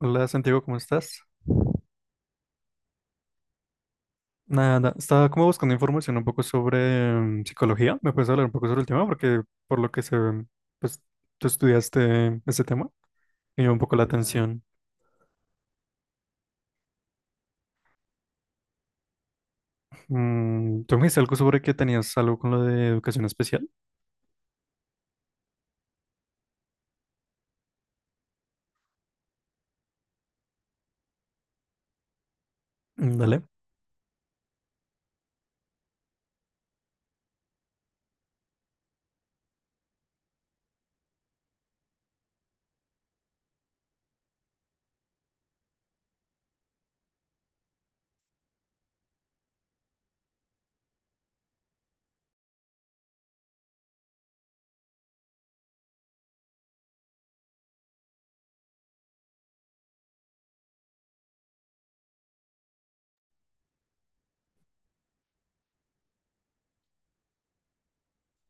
Hola Santiago, ¿cómo estás? Nada, estaba como buscando información un poco sobre psicología. ¿Me puedes hablar un poco sobre el tema? Porque por lo que se ve, pues tú estudiaste ese tema y me llama un poco la atención. Mm, tú me dijiste algo sobre que tenías algo con lo de educación especial. Mm. Dale.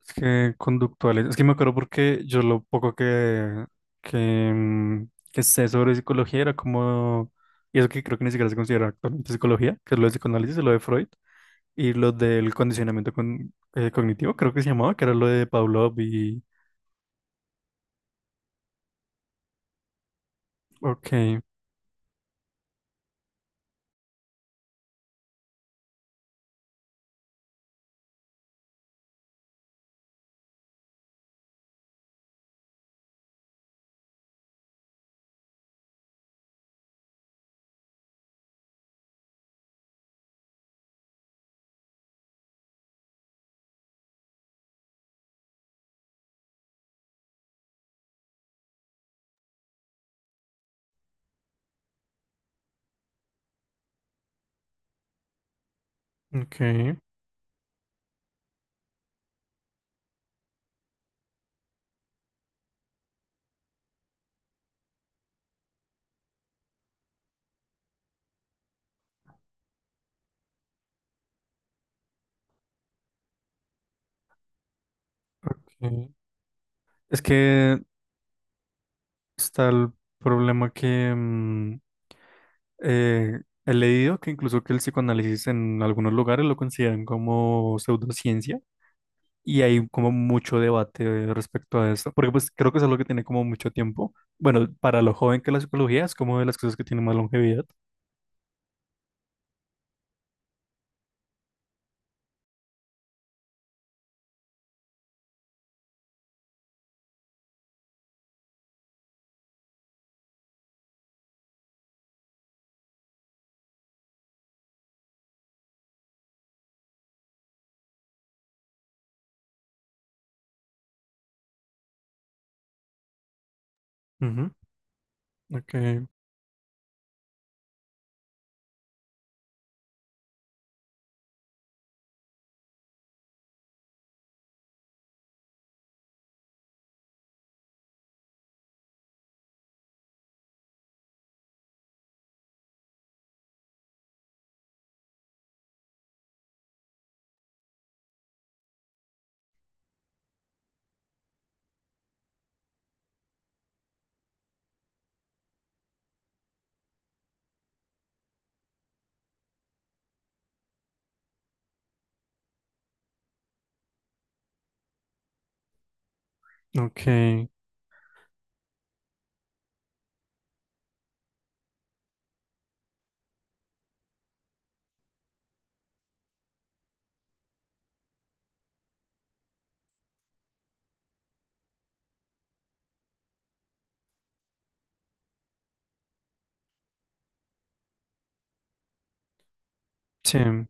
Es que conductuales. Es que me acuerdo porque yo lo poco que, mm, que sé sobre psicología era como... Y eso que creo que ni siquiera se considera actualmente psicología, que es lo de psicoanálisis y lo de Freud. Y lo del cognitivo, creo que se llamaba, que era lo de Pavlov y... Ok, ok, ok. Es que está el problema que eh, he leído que incluso que el psicoanálisis en algunos lugares lo consideran como pseudociencia y hay como mucho debate respecto a esto, porque pues creo que es algo que tiene como mucho tiempo. Bueno, para lo joven que la psicología es como de las cosas que tiene más longevidad. Ujú. Ok, ok, sí.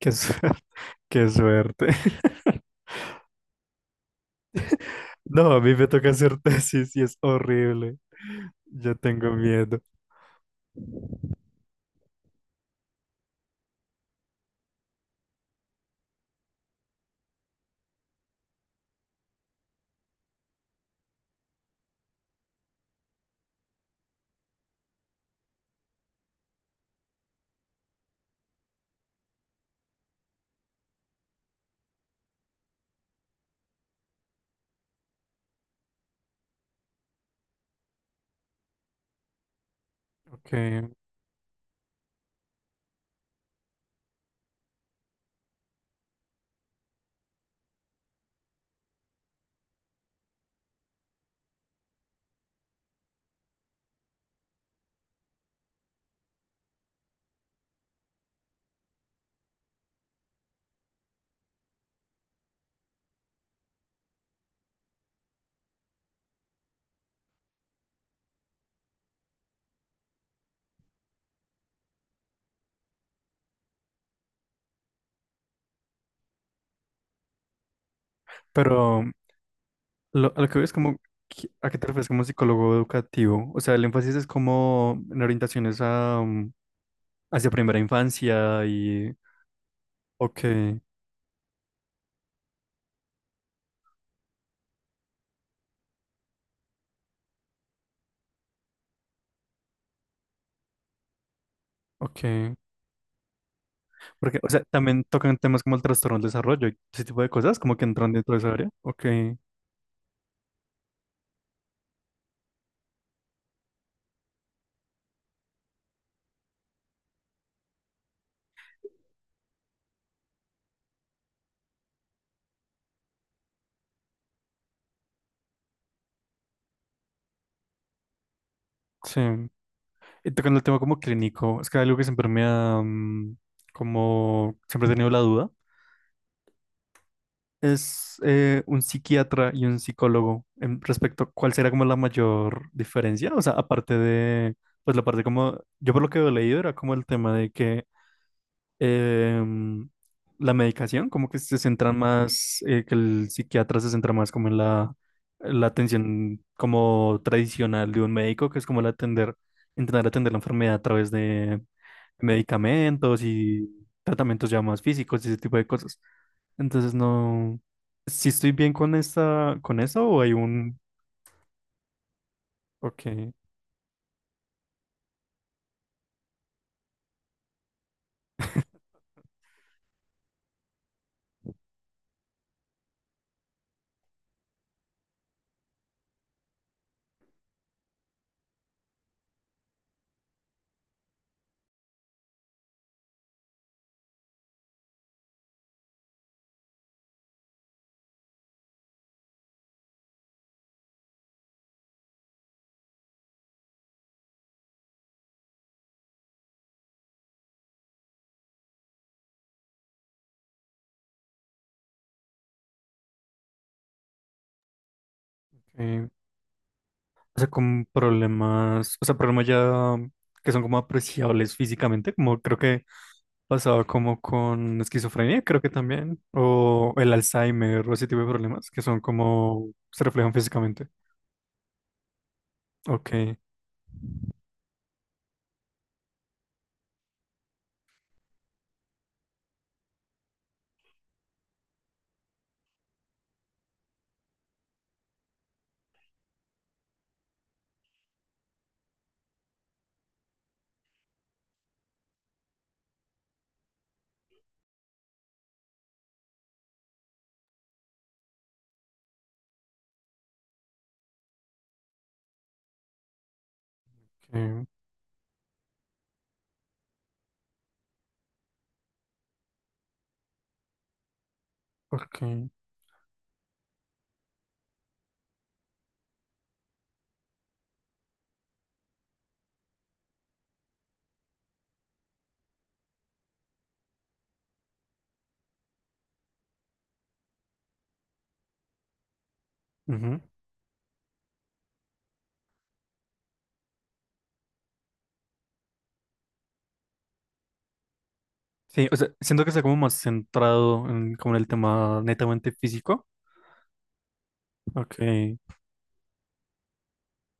Qué suerte, qué suerte. No, a mí me toca hacer tesis y es horrible. Ya tengo miedo. Ok, pero a lo que veo es como, ¿qué- ¿a qué te refieres como psicólogo educativo? O sea, el énfasis es como en orientaciones a hacia primera infancia y... Ok, ok. Porque, o sea, también tocan temas como el trastorno del desarrollo y ese tipo de cosas, como que entran dentro de esa área. Ok, sí. Y tocando el tema como clínico, es que algo que siempre como siempre he tenido la duda, es un psiquiatra y un psicólogo en respecto a cuál será como la mayor diferencia, o sea, aparte de, pues la parte como, yo por lo que he leído era como el tema de que em, la medicación, como que se centran más, que el psiquiatra se centra más como en la atención como tradicional de un médico, que es como el atender, intentar atender la enfermedad a través de medicamentos y tratamientos ya más físicos y ese tipo de cosas. Entonces no, si estoy bien con esta, con eso o hay un, ok, ok. O sea, con problemas, o sea, problemas ya que son como apreciables físicamente, como creo que pasaba como con esquizofrenia, creo que también, o el Alzheimer, o ese tipo de problemas que son como se reflejan físicamente. Ok, ok, ok. Ujú. Sí, o sea, siento que está como más centrado en, como en el tema netamente físico. Ok.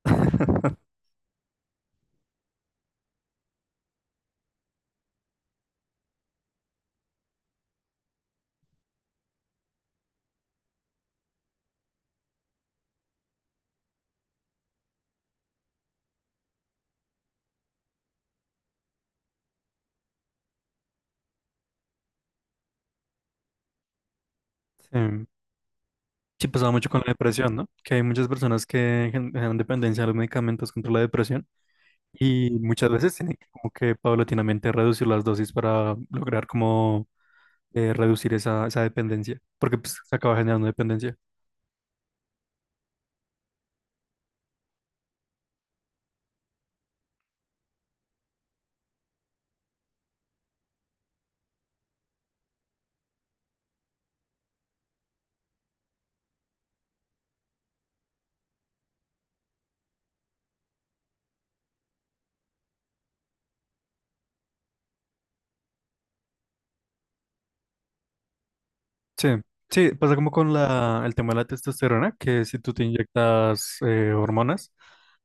Sí. Sí, pasaba mucho con la depresión, ¿no? Que hay muchas personas que generan dependencia a los medicamentos contra la depresión. Y muchas veces tienen que como que paulatinamente reducir las dosis para lograr como reducir esa dependencia, porque pues, se acaba generando dependencia. Sí, sí, pasa como con el tema de la testosterona, que si tú te inyectas hormonas,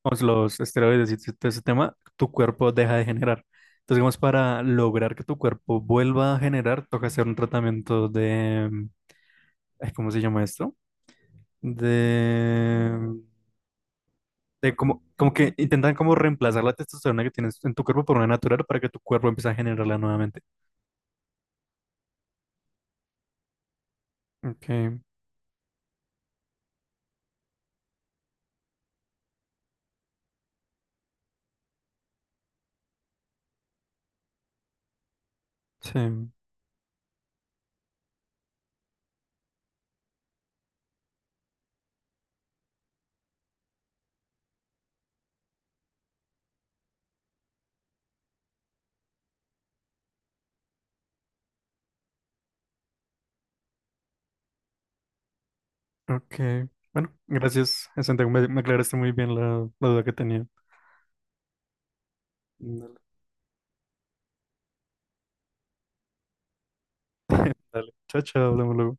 pues, los esteroides y todo ese tema, tu cuerpo deja de generar. Entonces, digamos, para lograr que tu cuerpo vuelva a generar, toca hacer un tratamiento ay, ¿cómo se llama esto? De de como, como que intentan como reemplazar la testosterona que tienes en tu cuerpo por una natural para que tu cuerpo empiece a generarla nuevamente. Ok, sí, ok. Bueno, gracias, Santiago. Me aclaraste muy bien la duda que tenía. Dale, dale. Chao, chao, hablamos luego.